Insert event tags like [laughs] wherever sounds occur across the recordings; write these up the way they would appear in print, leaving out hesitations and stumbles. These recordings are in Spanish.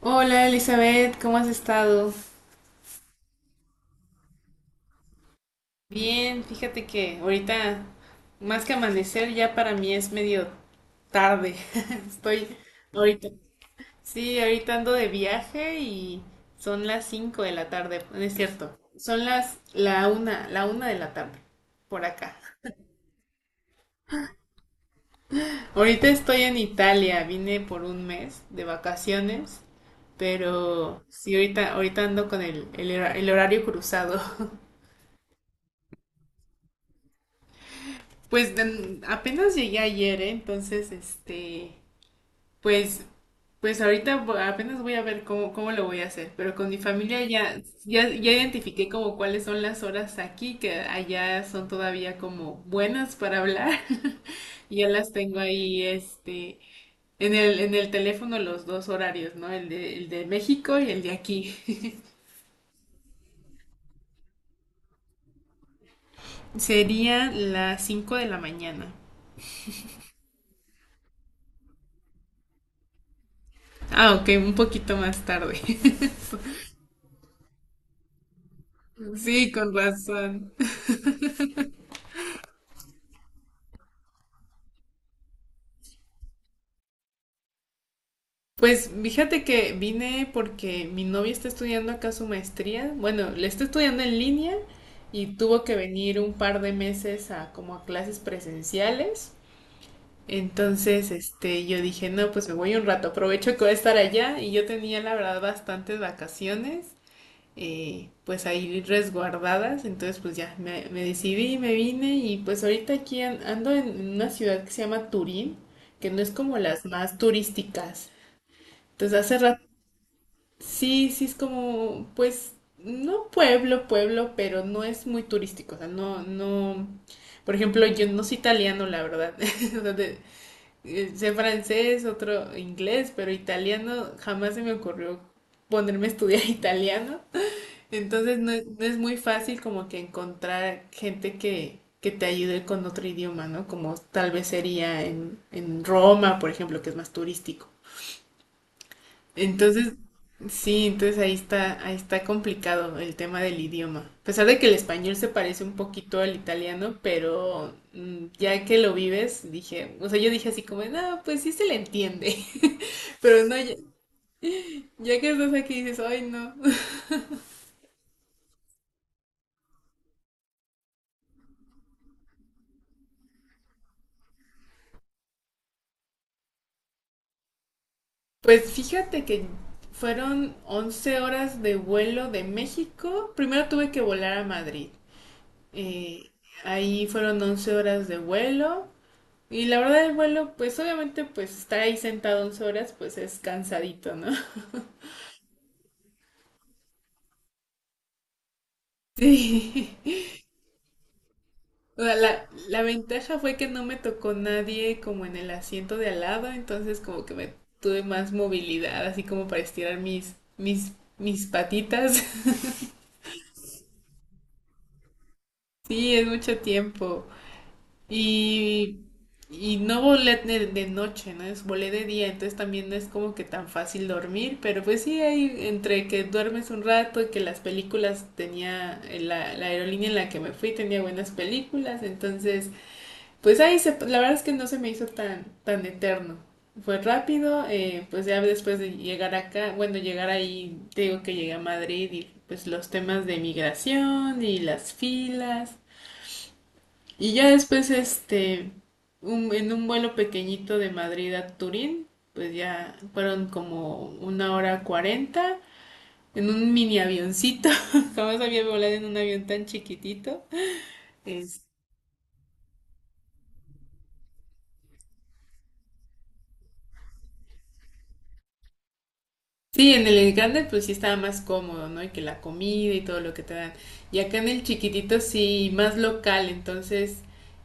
Hola Elizabeth, ¿cómo has estado? Bien, fíjate que ahorita más que amanecer ya para mí es medio tarde. [laughs] Estoy ahorita. Sí, ahorita ando de viaje y son las 5 de la tarde, no es cierto. Son la una de la tarde por acá. Ahorita estoy en Italia, vine por un mes de vacaciones, pero sí ahorita ando con el horario cruzado. Pues apenas llegué ayer, ¿eh? Entonces, este, pues, pues ahorita apenas voy a ver cómo lo voy a hacer, pero con mi familia ya identifiqué como cuáles son las horas aquí, que allá son todavía como buenas para hablar, [laughs] y ya las tengo ahí, este, en el teléfono los dos horarios, ¿no? El de México y el de aquí. [laughs] Sería las 5 de la mañana. Ah, ok, un poquito más tarde. [laughs] Sí, con razón. Pues fíjate que vine porque mi novia está estudiando acá su maestría. Bueno, le está estudiando en línea y tuvo que venir un par de meses a como a clases presenciales. Entonces, este, yo dije, no, pues me voy un rato, aprovecho que voy a estar allá y yo tenía la verdad bastantes vacaciones, pues ahí resguardadas. Entonces, pues ya me decidí, y me vine y pues ahorita aquí ando en una ciudad que se llama Turín, que no es como las más turísticas. Entonces hace rato. Sí, sí es como, pues, no pueblo, pueblo, pero no es muy turístico, o sea, no, no, por ejemplo, yo no soy italiano, la verdad. [laughs] O sea, sé francés, otro inglés, pero italiano jamás se me ocurrió ponerme a estudiar [laughs] italiano, entonces no es muy fácil como que encontrar gente que te ayude con otro idioma, ¿no? Como tal vez sería en Roma, por ejemplo, que es más turístico. Entonces, sí, entonces ahí está complicado el tema del idioma. A pesar de que el español se parece un poquito al italiano, pero ya que lo vives, dije, o sea, yo dije así como, no, pues sí se le entiende. [laughs] Pero no, ya, ya que estás aquí dices, ay, no. [laughs] Pues fíjate que fueron 11 horas de vuelo de México. Primero tuve que volar a Madrid. Eh, ahí fueron 11 horas de vuelo. Y la verdad el vuelo, pues obviamente pues estar ahí sentado 11 horas pues es cansadito, ¿no? [laughs] Sí. O sea, la ventaja fue que no me tocó nadie como en el asiento de al lado, entonces como que me tuve más movilidad, así como para estirar mis patitas. [laughs] Sí, es mucho tiempo. Y, y no volé de noche, ¿no? Es volé de día, entonces también no es como que tan fácil dormir, pero pues sí, ahí entre que duermes un rato y que las películas tenía, la aerolínea en la que me fui tenía buenas películas, entonces pues ahí se, la verdad es que no se me hizo tan, tan eterno. Fue rápido, pues ya después de llegar acá, bueno, llegar ahí, te digo que llegué a Madrid y pues los temas de migración y las filas y ya después, este, en un vuelo pequeñito de Madrid a Turín, pues ya fueron como una hora cuarenta en un mini avioncito. [laughs] Jamás había volado en un avión tan chiquitito. Sí, en el grande pues sí estaba más cómodo, ¿no? Y que la comida y todo lo que te dan. Y acá en el chiquitito sí, más local, entonces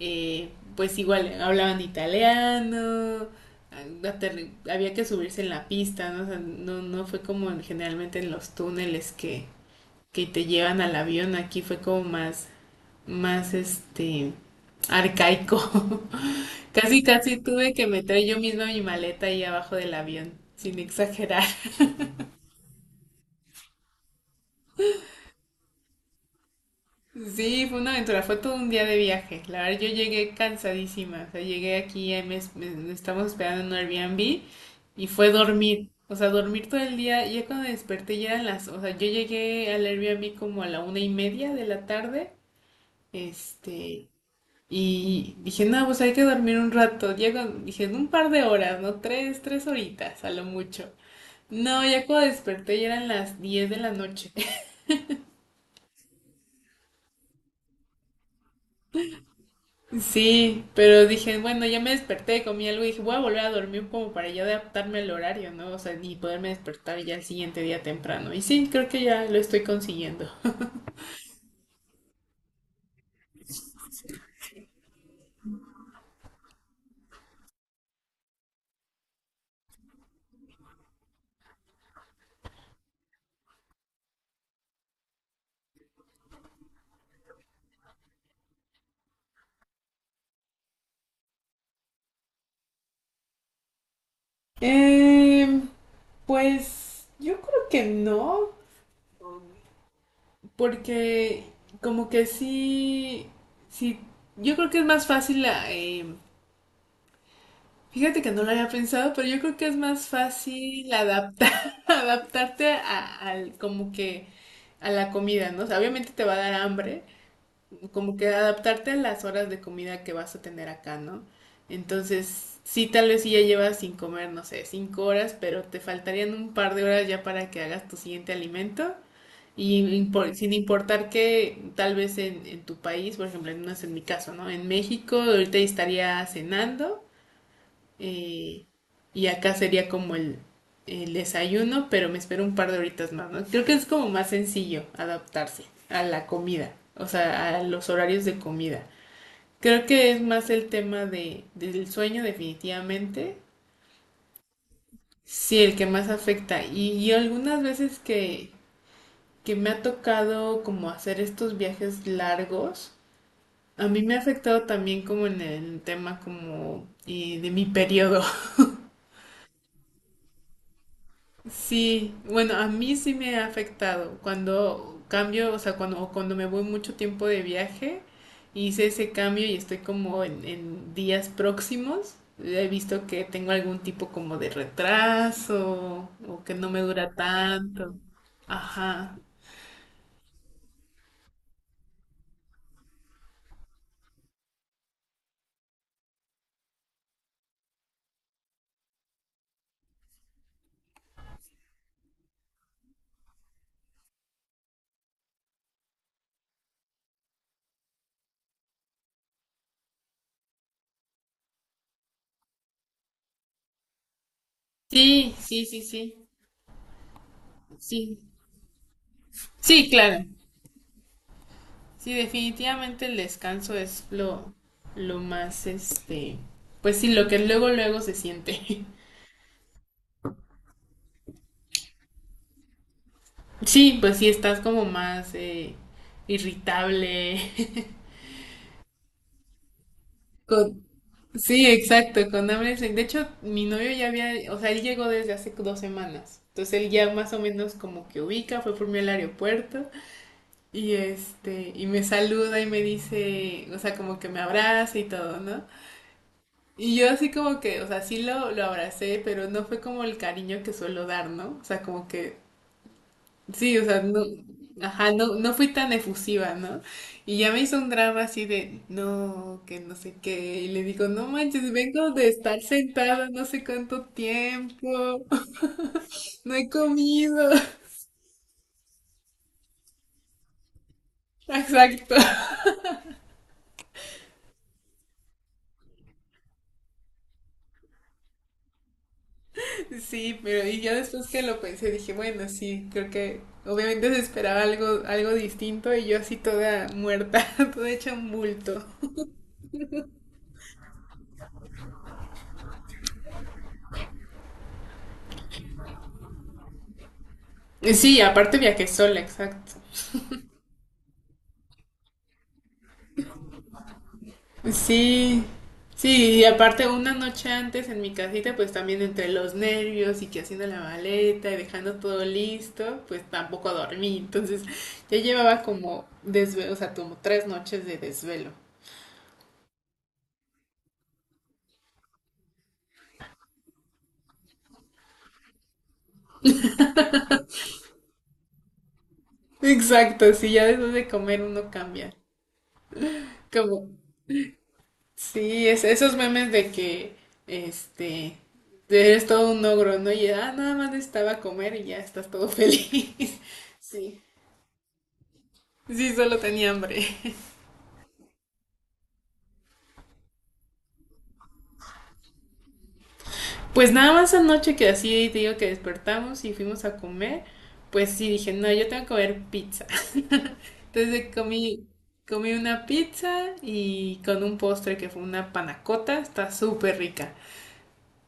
eh, pues igual hablaban italiano, había que subirse en la pista, ¿no? O sea, no, no fue como generalmente en los túneles que te llevan al avión, aquí fue como más este, arcaico. [laughs] Casi, casi tuve que meter yo misma mi maleta ahí abajo del avión, sin exagerar. Sí, fue una aventura, fue todo un día de viaje. La verdad, yo llegué cansadísima. O sea, llegué aquí, estamos esperando en un Airbnb y fue dormir. O sea, dormir todo el día. Ya cuando desperté ya eran las. O sea, yo llegué al Airbnb como a la una y media de la tarde. Este. Y dije, no, pues hay que dormir un rato. Ya dije, en un par de horas, ¿no? Tres horitas, a lo mucho. No, ya cuando desperté ya eran las 10 de la noche. Sí, pero dije, bueno, ya me desperté, comí algo y dije, voy a volver a dormir como para ya adaptarme al horario, ¿no? O sea, y poderme despertar ya el siguiente día temprano. Y sí, creo que ya lo estoy consiguiendo. Eh, pues yo creo que no, porque como que sí, sí, yo creo que es más fácil fíjate que no lo había pensado, pero yo creo que es más fácil adaptar, [laughs] adaptarte al, como que a la comida, ¿no? O sea, obviamente te va a dar hambre, como que adaptarte a las horas de comida que vas a tener acá, ¿no? Entonces, sí, tal vez sí ya llevas sin comer, no sé, 5 horas, pero te faltarían un par de horas ya para que hagas tu siguiente alimento. Y sin importar que tal vez en tu país, por ejemplo, no es en mi caso, ¿no? En México ahorita estaría cenando eh, y acá sería como el desayuno, pero me espero un par de horitas más, ¿no? Creo que es como más sencillo adaptarse a la comida, o sea, a los horarios de comida. Creo que es más el tema del sueño definitivamente, sí, el que más afecta. Y algunas veces que me ha tocado como hacer estos viajes largos, a mí me ha afectado también como en el tema como de mi periodo. Sí, bueno, a mí sí me ha afectado cuando cambio, o sea, cuando, o cuando me voy mucho tiempo de viaje, hice ese cambio y estoy como en días próximos. He visto que tengo algún tipo como de retraso o que no me dura tanto. Ajá. Sí, sí, sí, sí. Sí, sí, claro. Sí, definitivamente el descanso es lo más, este, pues sí, lo que luego, luego se siente. [laughs] Sí, pues sí, estás como más irritable. [laughs] Con- sí, exacto, con hambre. De hecho, mi novio ya había, o sea, él llegó desde hace 2 semanas. Entonces él ya más o menos como que ubica, fue por mí al aeropuerto y este, y me saluda y me dice, o sea, como que me abraza y todo, ¿no? Y yo así como que, o sea, sí lo abracé, pero no fue como el cariño que suelo dar, ¿no? O sea, como que sí, o sea, no, ajá, no, no fui tan efusiva, ¿no? Y ya me hizo un drama así de, no, que no sé qué. Y le digo, no manches, vengo de estar sentada no sé cuánto tiempo, [laughs] no he comido. [laughs] Exacto. Sí, pero y ya después que lo pensé, dije, bueno, sí, creo que obviamente se esperaba algo, algo distinto y yo así toda muerta, [laughs] toda hecha un bulto. Sí, aparte viajé sola, exacto. Pues sí, sí, y aparte una noche antes en mi casita, pues también entre los nervios y que haciendo la maleta y dejando todo listo, pues tampoco dormí. Entonces ya llevaba como desvelo, o sea, como 3 noches de desvelo. Exacto, sí, ya después de comer uno cambia. Como, sí, es, esos memes de que, este, eres todo un ogro, ¿no? Y nada más necesitaba comer y ya estás todo feliz. [laughs] Sí, sí, solo tenía hambre. Pues nada más anoche que así te digo que despertamos y fuimos a comer, pues sí dije, no, yo tengo que comer pizza. [laughs] Entonces comí una pizza y con un postre que fue una panacota, está súper rica.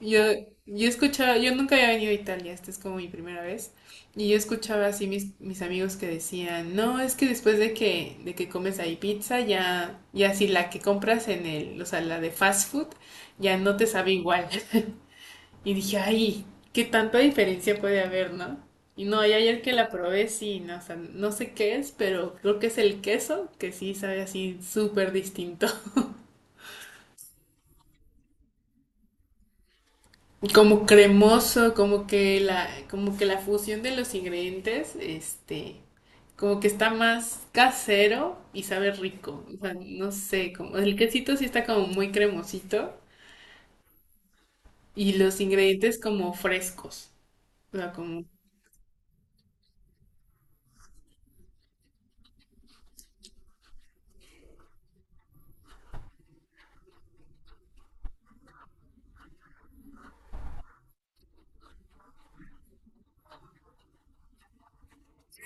Yo, yo escuchaba, yo nunca había venido a Italia, esta es como mi primera vez, y yo escuchaba así mis amigos que decían, no, es que después de que comes ahí pizza, ya, ya si la que compras en el, o sea, la de fast food, ya no te sabe igual. Y dije, ay, qué tanta diferencia puede haber, ¿no? Y no, y ayer que la probé, sí, no, o sea, no sé qué es, pero creo que es el queso, que sí sabe así súper distinto. [laughs] Como cremoso, como que la fusión de los ingredientes, este, como que está más casero y sabe rico. O sea, no sé, como el quesito sí está como muy cremosito y los ingredientes como frescos. O sea, como,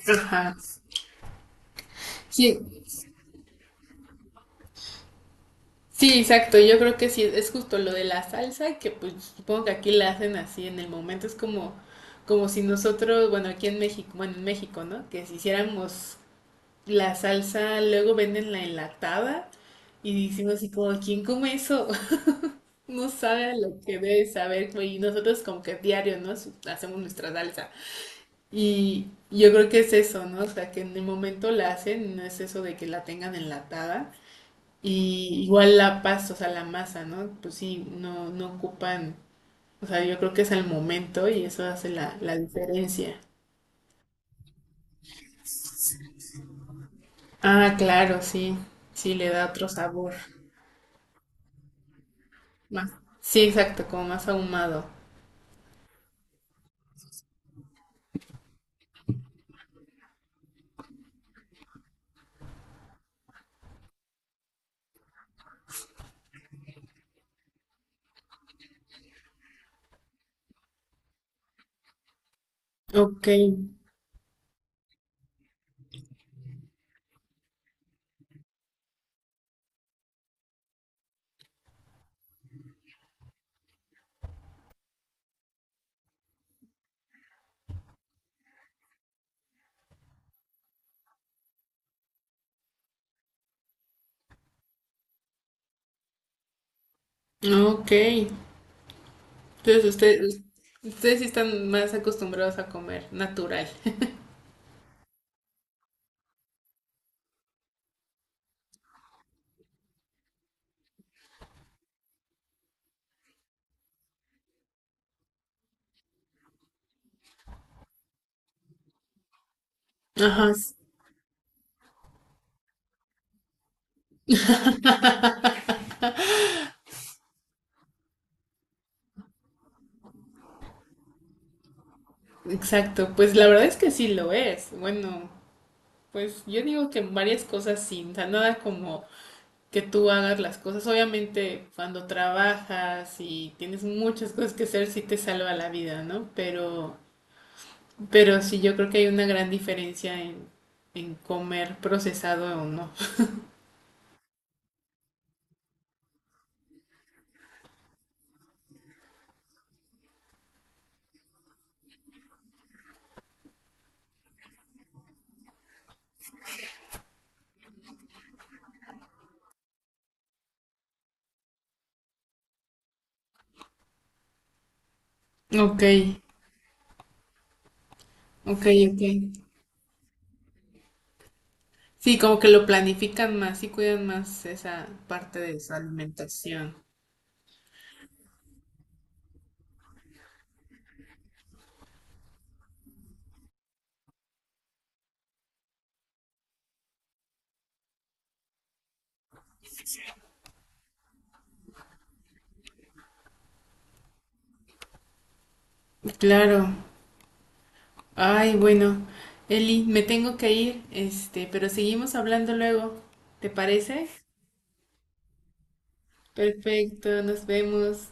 ajá. Sí, sí, exacto. Yo creo que sí, es justo lo de la salsa, que pues supongo que aquí la hacen así en el momento. Es como si nosotros, bueno, aquí en México, bueno, en México, ¿no? Que si hiciéramos la salsa, luego venden la enlatada y decimos así como, ¿quién come eso? [laughs] No sabe a lo que debe saber, güey. Y nosotros como que diario, ¿no? Hacemos nuestra salsa. Y yo creo que es eso, ¿no? O sea, que en el momento la hacen, no es eso de que la tengan enlatada. Y igual la pasta, o sea, la masa, ¿no? Pues sí, no, no ocupan, o sea, yo creo que es al momento y eso hace la diferencia. Ah, claro, sí, sí, le da otro sabor. Más, sí, exacto, como más ahumado. Ok, ok. Entonces ustedes sí están más acostumbrados a comer natural. [laughs] Ajá, exacto. Pues la verdad es que sí lo es. Bueno, pues yo digo que en varias cosas sí. O sea, nada como que tú hagas las cosas. Obviamente, cuando trabajas y tienes muchas cosas que hacer, sí te salva la vida, ¿no? Pero sí, yo creo que hay una gran diferencia en comer procesado o no. [laughs] Ok, ok, ok. Sí, como que lo planifican más y cuidan más esa parte de su alimentación. Claro. Ay, bueno, Eli, me tengo que ir, este, pero seguimos hablando luego. ¿Te parece? Perfecto, nos vemos.